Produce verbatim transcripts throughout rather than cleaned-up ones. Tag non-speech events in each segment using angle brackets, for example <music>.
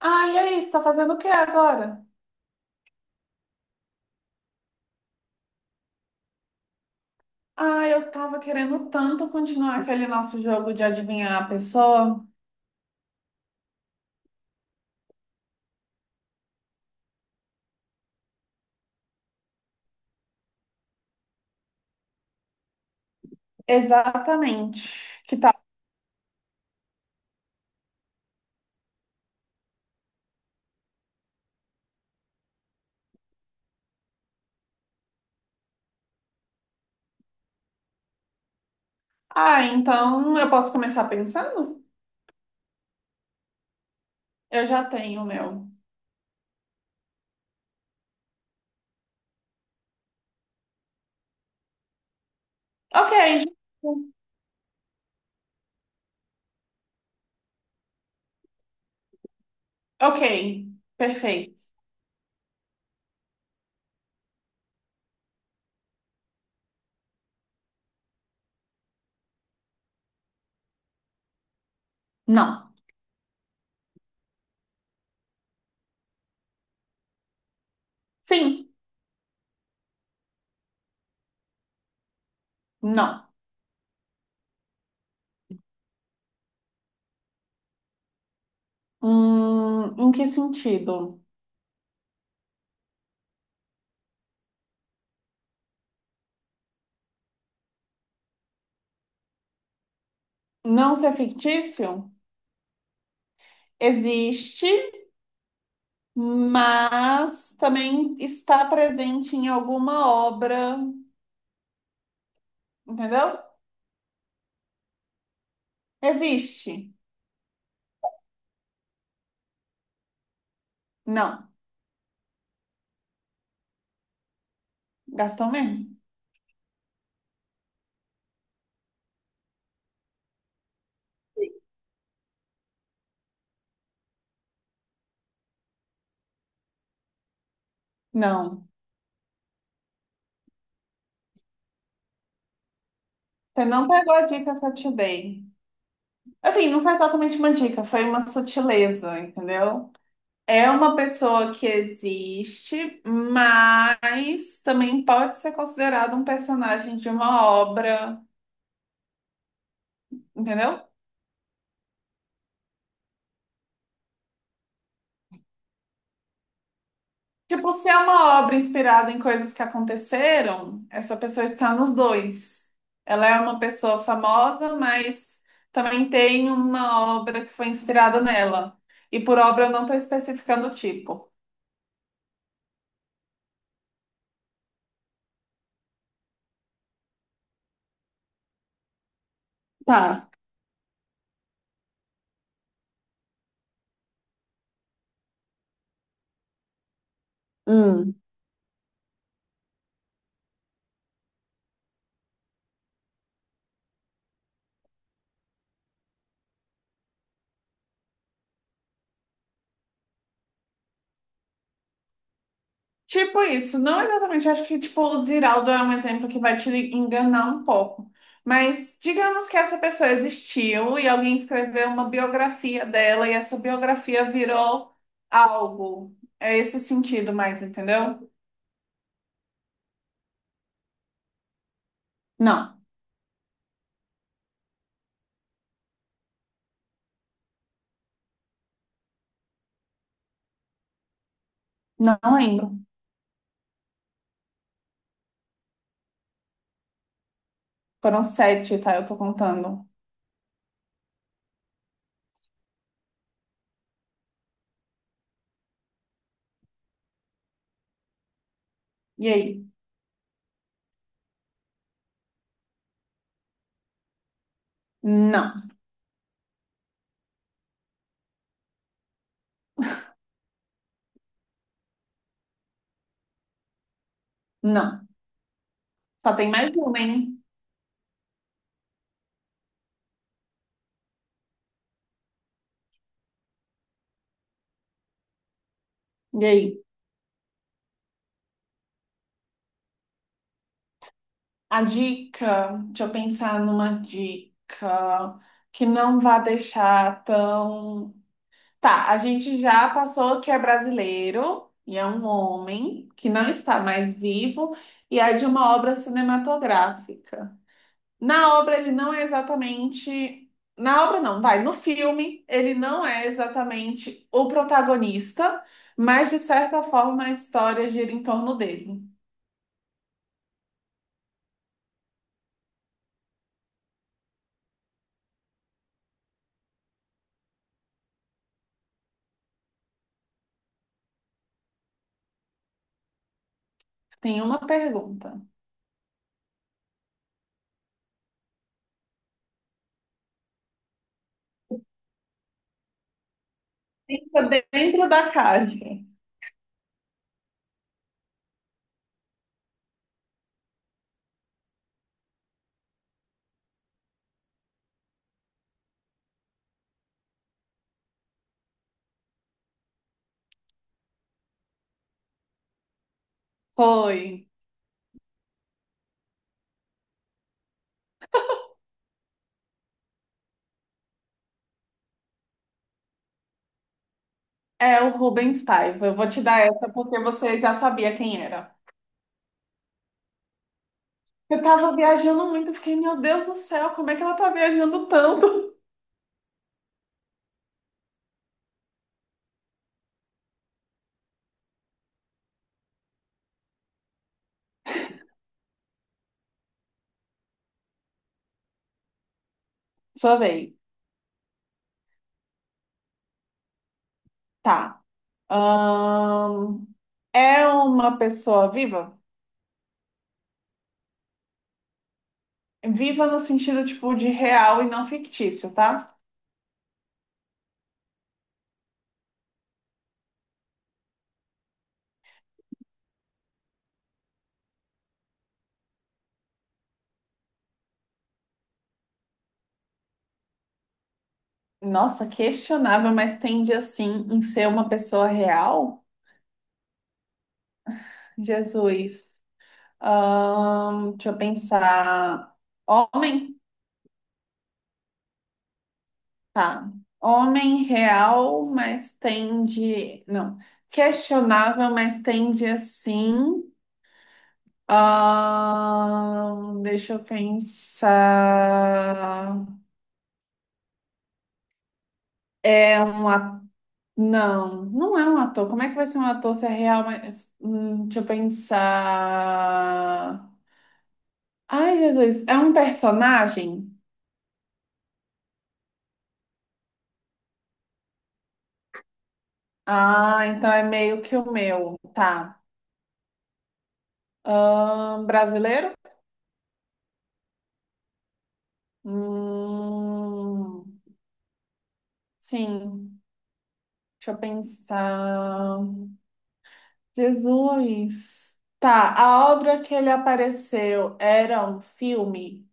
Ah, e aí, você tá fazendo o que agora? Ah, eu tava querendo tanto continuar aquele nosso jogo de adivinhar a pessoa. Exatamente. Que tal? Ah, então eu posso começar pensando? Eu já tenho o meu. Ok, justo. Ok, perfeito. Não. Sim, não. Hum, em que sentido? Não ser fictício? Existe, mas também está presente em alguma obra, entendeu? Existe? Não. Gastou mesmo? Não. Você não pegou a dica que eu te dei. Assim, não foi exatamente uma dica, foi uma sutileza, entendeu? É uma pessoa que existe, mas também pode ser considerado um personagem de uma obra, entendeu? Tipo, se é uma obra inspirada em coisas que aconteceram, essa pessoa está nos dois. Ela é uma pessoa famosa, mas também tem uma obra que foi inspirada nela. E por obra eu não estou especificando o tipo. Tá. Tipo isso, não exatamente. Acho que tipo o Ziraldo é um exemplo que vai te enganar um pouco. Mas digamos que essa pessoa existiu e alguém escreveu uma biografia dela e essa biografia virou algo. É esse sentido mais, entendeu? Não, não lembro. Foram sete, tá? Eu tô contando. E aí? Não, não. Só tem mais uma, hein? E aí? A dica, deixa eu pensar numa dica que não vá deixar tão... Tá, a gente já passou que é brasileiro e é um homem que não está mais vivo e é de uma obra cinematográfica. Na obra ele não é exatamente, na obra não, vai, no filme ele não é exatamente o protagonista, mas de certa forma a história gira em torno dele. Tem uma pergunta. Fica dentro da caixa. Foi. É o Rubens Paiva. Eu vou te dar essa porque você já sabia quem era. Eu tava viajando muito, eu fiquei, meu Deus do céu, como é que ela tá viajando tanto? <laughs> Sua vez. Tá. Ahn, É uma pessoa viva? Viva no sentido, tipo, de real e não fictício, tá? Nossa, questionável, mas tende, assim, em ser uma pessoa real? Jesus. Ahn, deixa eu pensar. Homem? Tá. Homem real, mas tende... Não. Questionável, mas tende, assim... Ahn, deixa eu pensar. É um ator. Não, não é um ator. Como é que vai ser um ator se é real? Mas... Hum, deixa eu pensar. Ai, Jesus. É um personagem? Ah, então é meio que o meu. Tá. Ahn, brasileiro? Hum, sim. Deixa eu pensar. Jesus. Tá, a obra que ele apareceu era um filme?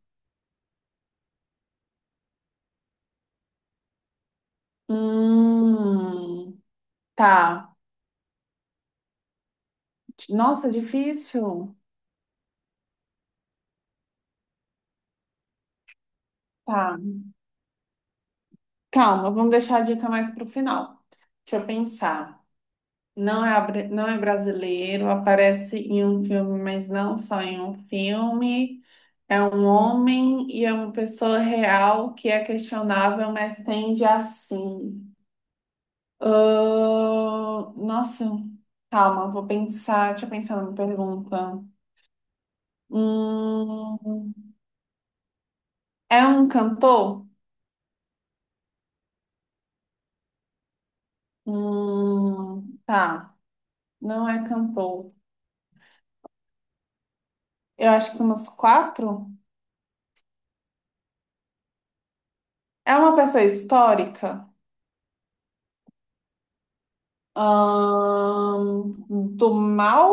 Hum, tá. Nossa, difícil. Tá. Calma, vamos deixar a dica mais pro final. Deixa eu pensar. Não é, abra- não é brasileiro, aparece em um filme, mas não só em um filme. É um homem e é uma pessoa real que é questionável, mas tende a sim. Ahn, nossa, calma, vou pensar. Deixa eu pensar numa pergunta. Hum, é um cantor? Hum, tá, não é cantor. Eu acho que umas quatro. É uma pessoa histórica? Ahn, do mal?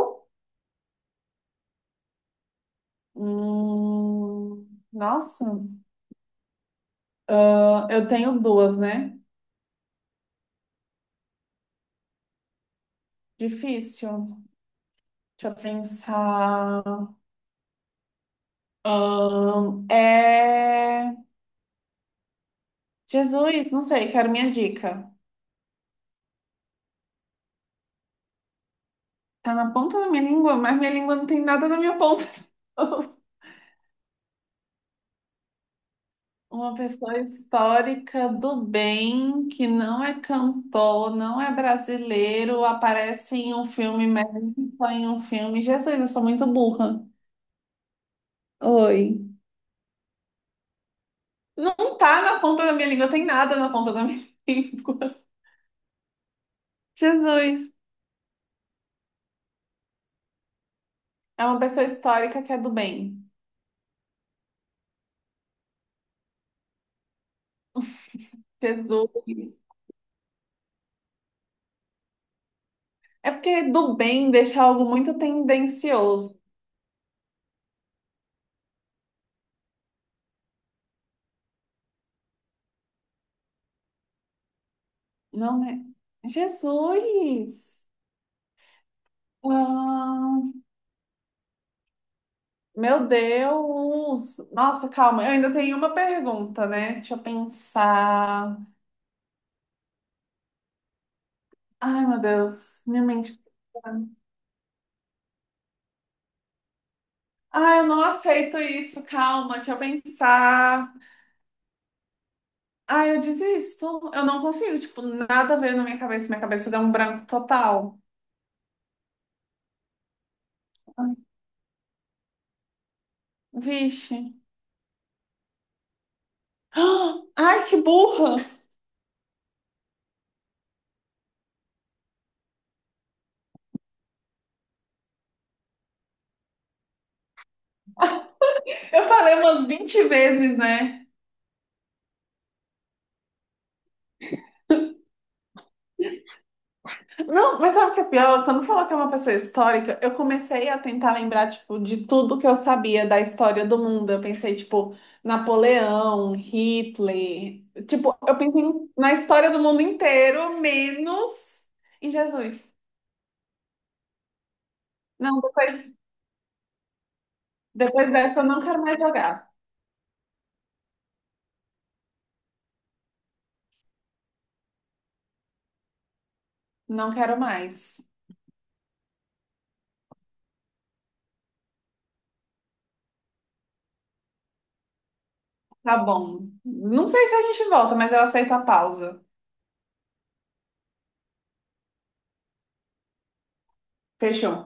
Hum, nossa, eu tenho duas, né? Difícil. Deixa eu pensar. Ahn, é. Jesus, não sei, quero minha dica. Tá na ponta da minha língua, mas minha língua não tem nada na minha ponta. <laughs> Uma pessoa histórica do bem que não é cantor, não é brasileiro, aparece em um filme, mas só em um filme. Jesus, eu sou muito burra. Oi. Não tá na ponta da minha língua, tem nada na ponta da minha <laughs> língua. Jesus. É uma pessoa histórica que é do bem. Jesus. É porque do bem deixa algo muito tendencioso. Não, né? Jesus! Ah, meu Deus! Nossa, calma, eu ainda tenho uma pergunta, né? Deixa eu pensar. Ai, meu Deus, minha mente. Ai, eu não aceito isso, calma, deixa eu pensar. Ai, eu desisto. Eu não consigo, tipo, nada veio na minha cabeça, minha cabeça deu um branco total. Ai, vixe. <gasps> Ah, ai, que burra! Eu falei umas vinte vezes, né? Não, mas sabe o que é pior? Quando falou que é uma pessoa histórica, eu comecei a tentar lembrar, tipo, de tudo que eu sabia da história do mundo. Eu pensei, tipo, Napoleão, Hitler. Tipo, eu pensei em- na história do mundo inteiro, menos em Jesus. Não, depois, depois dessa eu não quero mais jogar. Não quero mais. Tá bom. Não sei se a gente volta, mas eu aceito a pausa. Fechou.